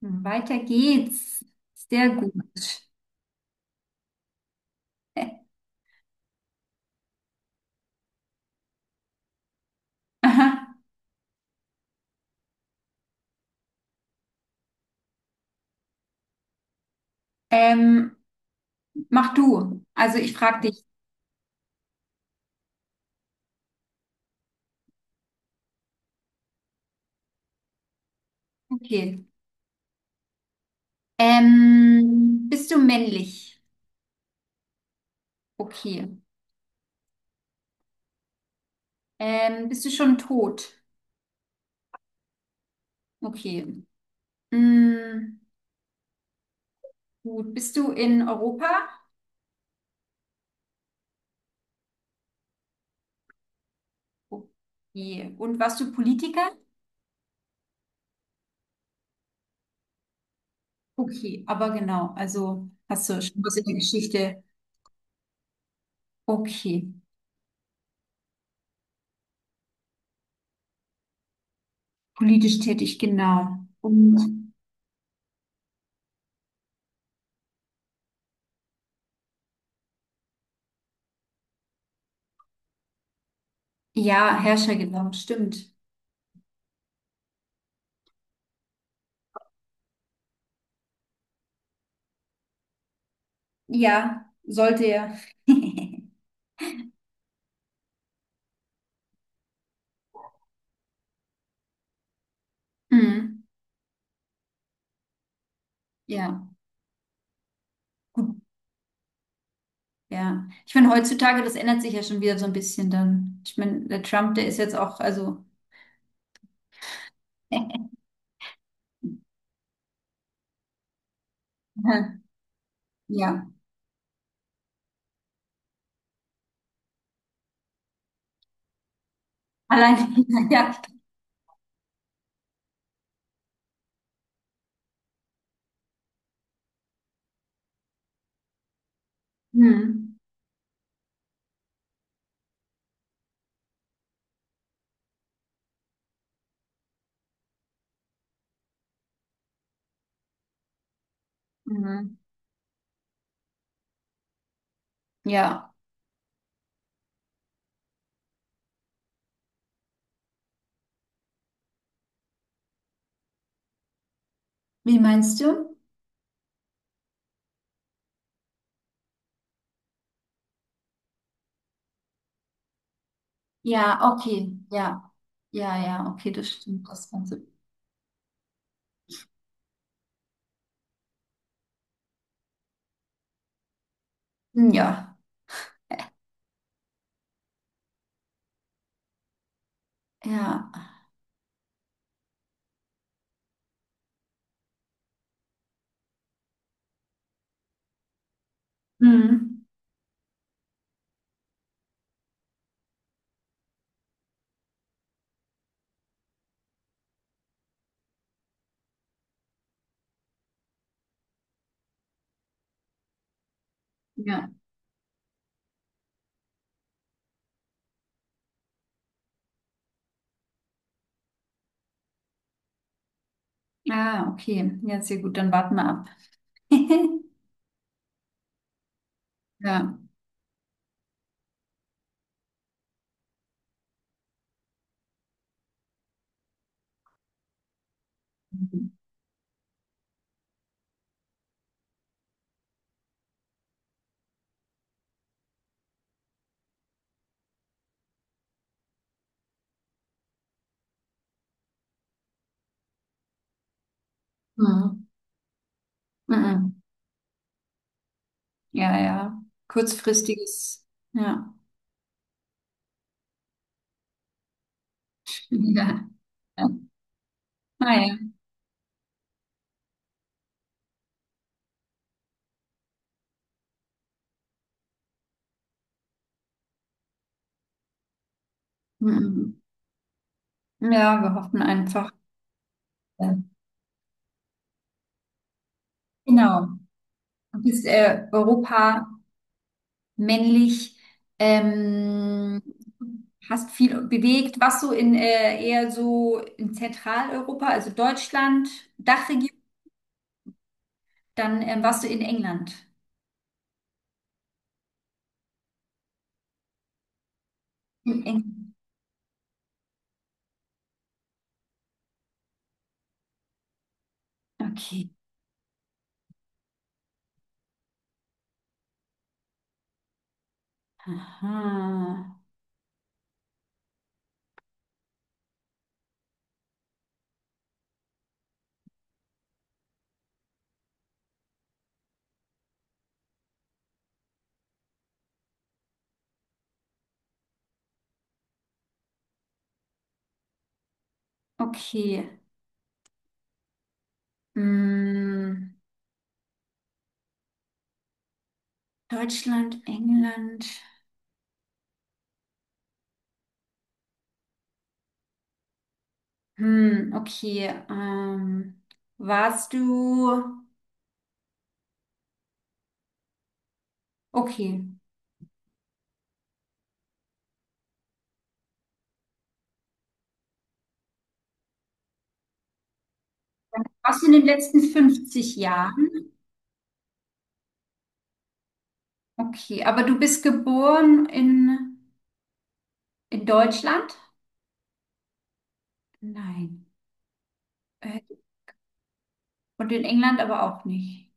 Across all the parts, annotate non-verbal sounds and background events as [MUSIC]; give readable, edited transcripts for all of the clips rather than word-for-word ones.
Mhm. Weiter geht's. Sehr gut. [LAUGHS] Aha. Ähm, Mach du. Also ich frage dich. Okay. Bist du männlich? Okay. Bist du schon tot? Okay. Mm, gut. Bist du in Europa? Okay. Und warst du Politiker? Okay, aber genau. Also hast du schon was in der Geschichte. Okay. Politisch tätig, genau. Und ja, Herrscher, genau. Stimmt. Ja, sollte ja. [LAUGHS] Mhm. Ja, gut, ja. Ich meine, heutzutage, das ändert sich ja schon wieder so ein bisschen dann. Ich meine, der Trump, der ist jetzt auch, also, [LAUGHS] ja, allein, [LAUGHS] ja. Mhm. Mhm. Ja, wie meinst du? Ja, okay, ja, ja, ja, okay, das stimmt, das Ganze. Ja, ja, mhm. Ja, ah, okay, ja, sehr gut, dann warten wir ab. [LAUGHS] Ja. Mhm. Mhm. Mhm. Ja, ja. Kurzfristiges. Ja. [LAUGHS] Ja. Ah, ja. Naja. Mhm. Ja, wir hoffen einfach. äh, Genau. Du bist Europa, männlich, ähm, hast viel bewegt. Warst du in eher so in Zentraleuropa, also Deutschland, Dachregion, dann warst du in England. In England. Okay. Aha. Okay. Mm, Deutschland, England. Hm, okay. Warst du, okay, warst du in den letzten 50 Jahren? Okay, aber du bist geboren in Deutschland? Nein. Äh, und in England aber auch nicht.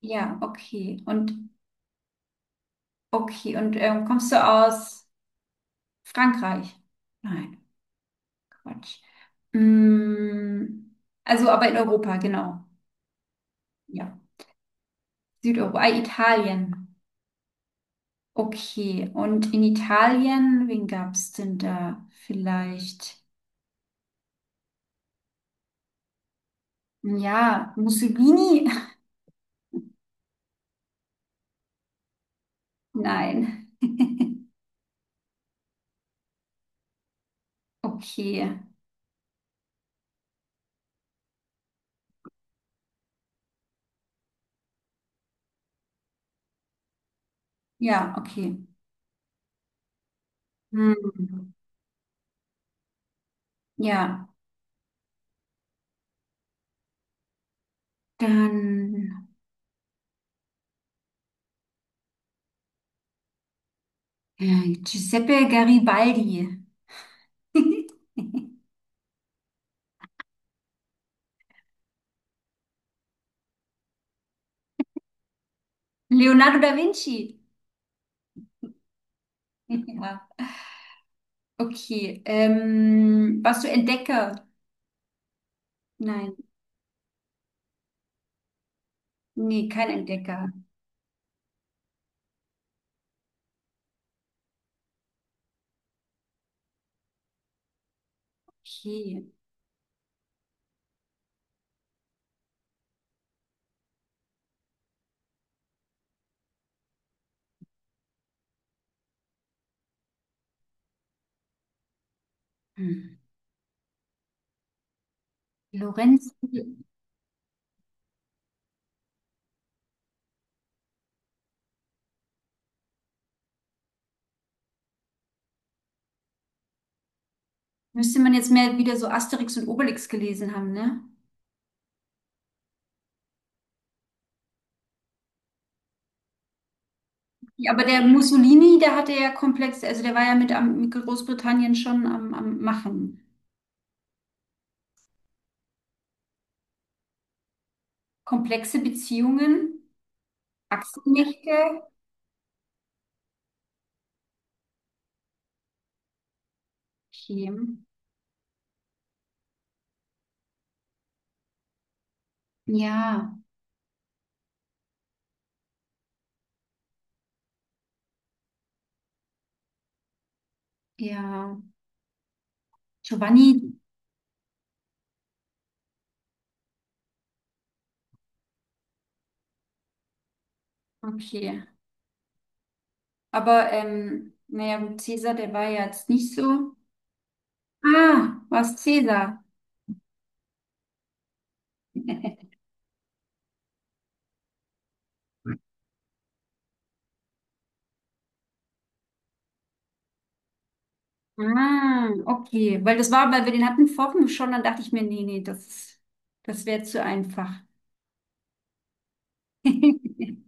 Ja, okay. Und okay, und kommst du aus Frankreich? Nein, Quatsch. Hm, also aber in Europa, genau. Ja. Südeuropa, ah, Italien. Okay, und in Italien, wen gab es denn da? Vielleicht, ja, Mussolini? [LAUGHS] Nein. Okay, ja, okay. Hm. Ja, dann Giuseppe Garibaldi. Leonardo da Vinci. [LAUGHS] Ja, okay. Warst du Entdecker? Nein, nee, kein Entdecker. Okay. Hm. Lorenz, müsste man jetzt mehr wieder so Asterix und Obelix gelesen haben, ne? Ja, aber der Mussolini, der hatte ja komplexe, also der war ja mit, am, mit Großbritannien schon am, am Machen. Komplexe Beziehungen, Achsenmächte. Okay. Ja, ja. Giovanni. Okay. Aber, naja, gut, Cäsar, der war ja jetzt nicht so. Ah, was Cäsar? [LAUGHS] Ah, okay. Weil das war, weil wir den hatten vorhin schon, dann dachte ich mir, nee, nee, das, das wäre zu einfach. [LAUGHS]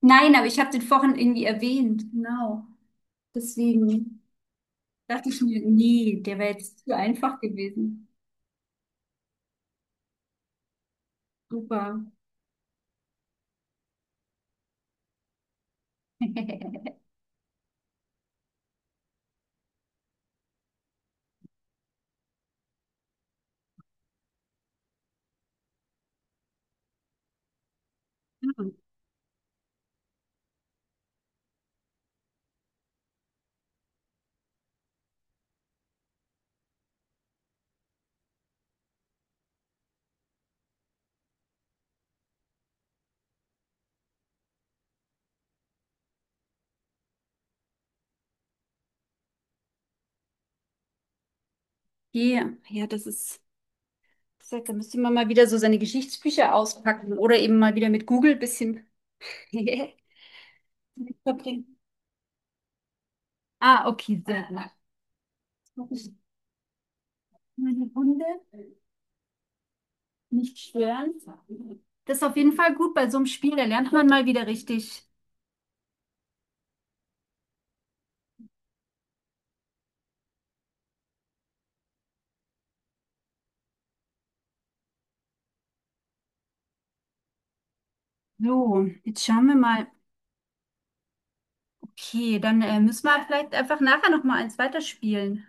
Nein, aber ich habe den vorhin irgendwie erwähnt. Genau. Deswegen dachte ich mir, nee, der wäre jetzt zu einfach gewesen. Super. [LAUGHS] Okay. Ja, das ist, wie gesagt, da müsste man mal wieder so seine Geschichtsbücher auspacken oder eben mal wieder mit Google ein bisschen [LAUGHS] verbringen. Ah, okay, sehr gut. Jetzt muss ich meine Hunde nicht stören. Das ist auf jeden Fall gut bei so einem Spiel, da lernt man mal wieder richtig. So, jetzt schauen wir mal. Okay, dann müssen wir vielleicht einfach nachher nochmal eins weiterspielen.